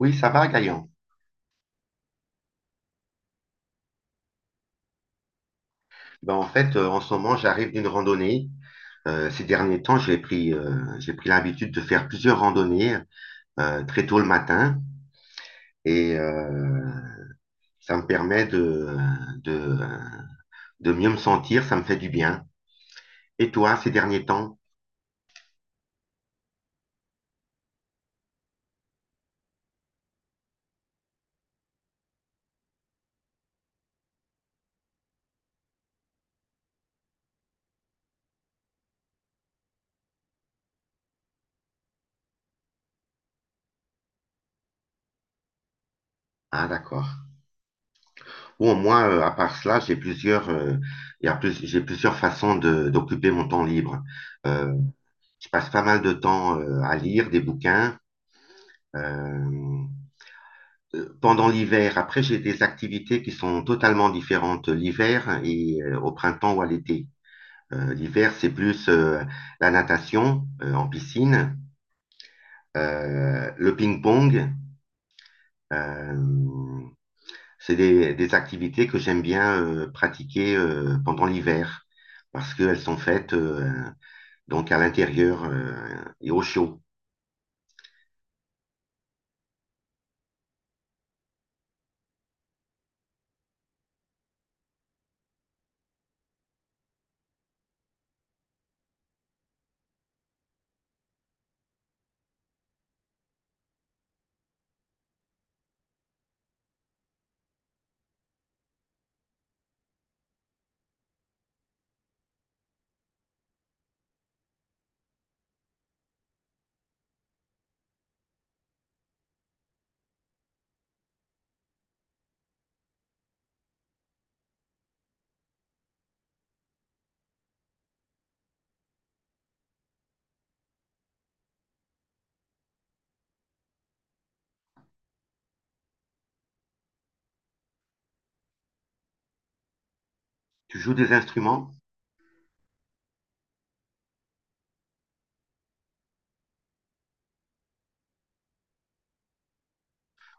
Oui, ça va, Gaël. En ce moment, j'arrive d'une randonnée. Ces derniers temps, j'ai pris l'habitude de faire plusieurs randonnées très tôt le matin et ça me permet de, de mieux me sentir, ça me fait du bien. Et toi, ces derniers temps? Ah, d'accord. Bon, moi, à part cela, j'ai plusieurs, il y a plus, j'ai plusieurs façons d'occuper mon temps libre. Euh, je passe pas mal de temps à lire des bouquins. Euh, Pendant l'hiver. Après, j'ai des activités qui sont totalement différentes l'hiver et au printemps ou à l'été. L'hiver, c'est plus la natation en piscine, le ping-pong. Euh, c'est des activités que j'aime bien pratiquer pendant l'hiver parce qu'elles sont faites donc à l'intérieur et au chaud. Tu joues des instruments?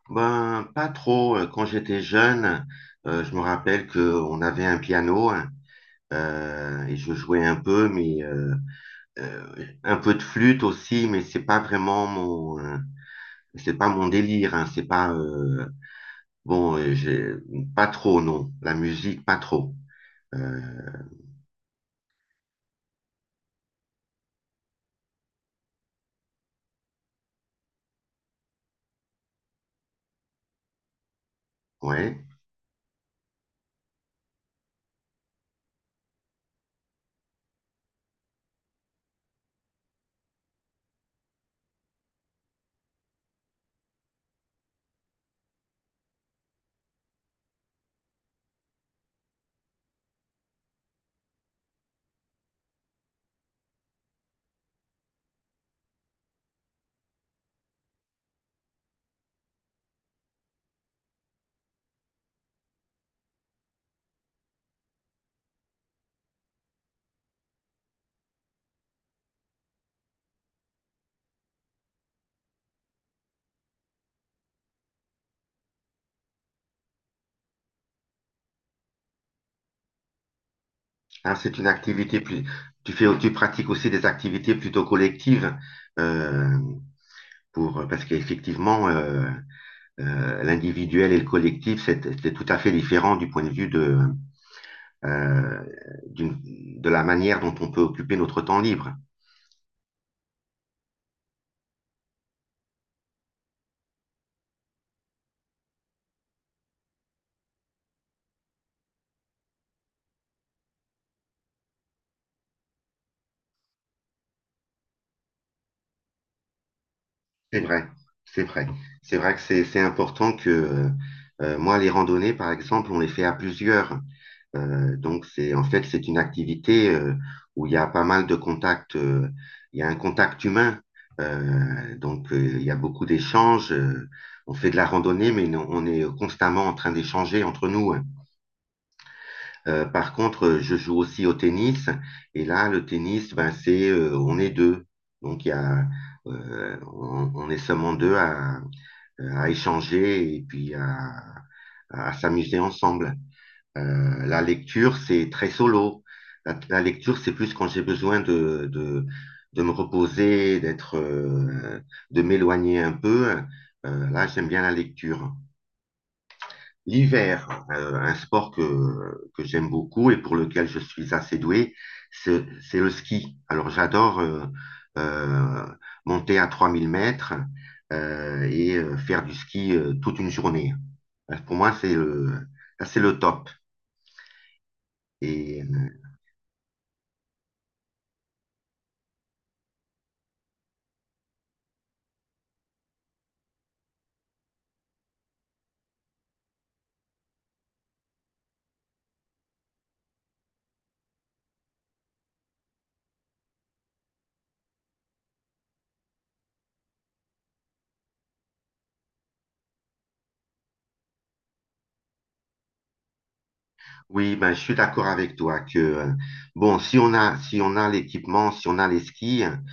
Ben, pas trop. Quand j'étais jeune, je me rappelle qu'on avait un piano, hein. Et je jouais un peu, mais un peu de flûte aussi, mais c'est pas vraiment mon, c'est pas mon délire, hein, c'est pas bon, j'ai pas trop non, la musique pas trop. Euh, ouais, ah, c'est une activité plus, tu fais, tu pratiques aussi des activités plutôt collectives euh, pour parce qu'effectivement l'individuel et le collectif c'est tout à fait différent du point de vue euh, de la manière dont on peut occuper notre temps libre. C'est vrai, c'est vrai. C'est vrai que c'est important que moi, les randonnées, par exemple, on les fait à plusieurs. Donc, c'est, en fait, c'est une activité où il y a pas mal de contacts. Il y a un contact humain. Donc, il y a beaucoup d'échanges. On fait de la randonnée, mais on est constamment en train d'échanger entre nous, hein. Par contre, je joue aussi au tennis. Et là, le tennis, ben, on est deux. Donc, on est seulement deux à échanger et puis à s'amuser ensemble. La lecture, c'est très solo. La lecture, c'est plus quand j'ai besoin de me reposer, de m'éloigner un peu. Là, j'aime bien la lecture. L'hiver, un sport que j'aime beaucoup et pour lequel je suis assez doué, c'est le ski. Alors, j'adore euh, monter à 3000 mètres et faire du ski toute une journée. Pour moi, là, c'est le top. Et euh, Oui, ben, je suis d'accord avec toi. Bon, si on a, si on a l'équipement, si on a les skis, hein,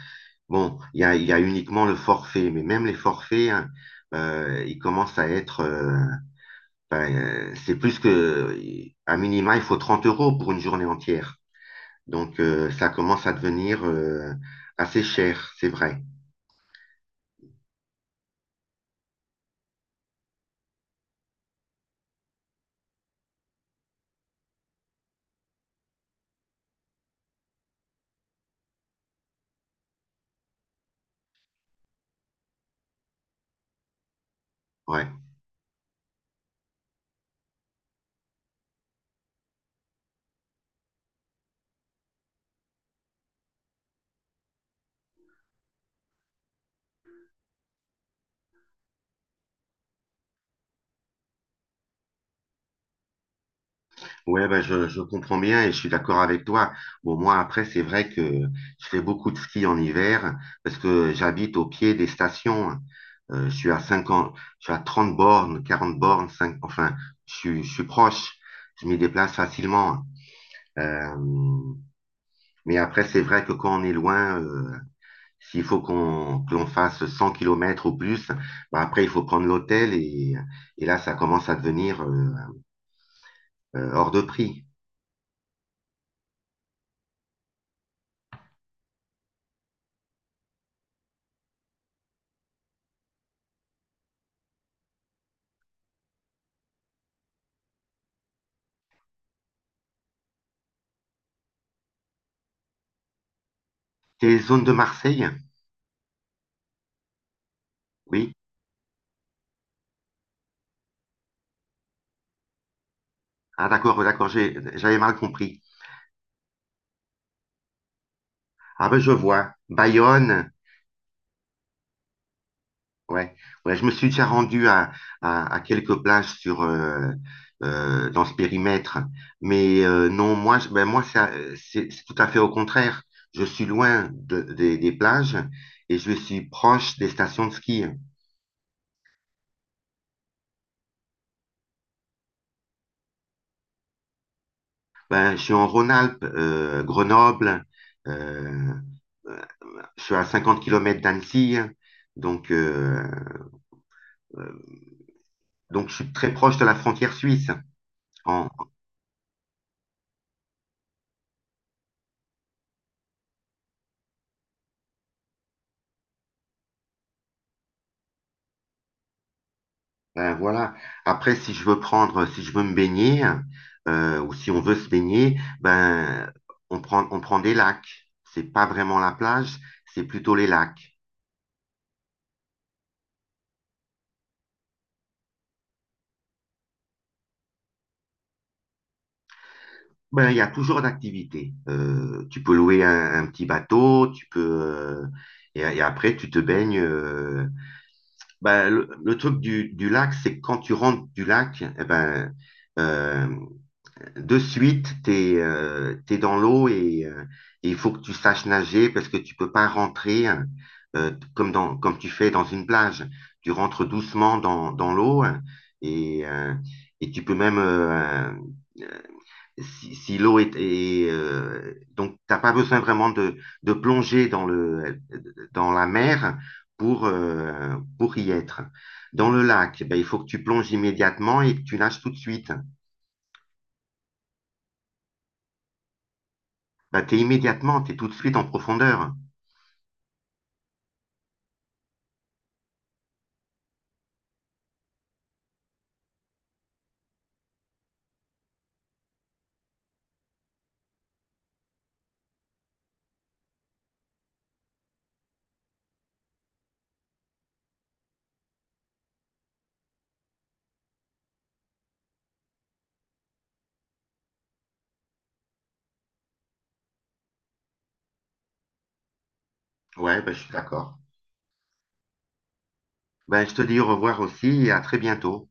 bon, il y a uniquement le forfait, mais même les forfaits, hein, ils commencent à être, ben, euh, c'est plus que, à minima, il faut 30 € pour une journée entière. Donc, ça commence à devenir, assez cher, c'est vrai. Ouais. Ouais, bah, je comprends bien et je suis d'accord avec toi. Bon, moi, après, c'est vrai que je fais beaucoup de ski en hiver parce que j'habite au pied des stations. Je suis à 50, je suis à 30 bornes, 40 bornes, 5, enfin, je suis proche. Je m'y déplace facilement. Euh, mais après, c'est vrai que quand on est loin, s'il faut qu'on que l'on fasse 100 kilomètres ou plus, bah, après, il faut prendre l'hôtel et là, ça commence à devenir hors de prix. Tes zones de Marseille? Oui. Ah, d'accord, d'accord, j'avais mal compris. Ah ben je vois. Bayonne, ouais, ouais, je me suis déjà rendu à quelques plages sur dans ce périmètre, mais non, moi, ben moi ça, c'est tout à fait au contraire. Je suis loin des plages et je suis proche des stations de ski. Ben, je suis en Rhône-Alpes, Grenoble, euh, euh, je suis à 50 kilomètres d'Annecy, donc euh, donc je suis très proche de la frontière suisse. En- ben voilà. Après, si je veux prendre, si je veux me baigner, ou si on veut se baigner, ben on prend des lacs. C'est pas vraiment la plage, c'est plutôt les lacs. Ben, il y a toujours d'activités. Tu peux louer un petit bateau, tu peux et après tu te baignes. Ben, le truc du lac, c'est que quand tu rentres du lac, eh ben euh, de suite, t'es dans l'eau et et il faut que tu saches nager parce que tu peux pas rentrer, hein, comme dans comme tu fais dans une plage. Tu rentres doucement dans l'eau, hein, et et tu peux même si, si l'eau est, est, donc t'as pas besoin vraiment de plonger dans la mer pour y être. Dans le lac, ben, il faut que tu plonges immédiatement et que tu nages tout de suite. Bah, t'es immédiatement, t'es tout de suite en profondeur. Ouais, bah, je suis d'accord. Bah, je te dis au revoir aussi et à très bientôt.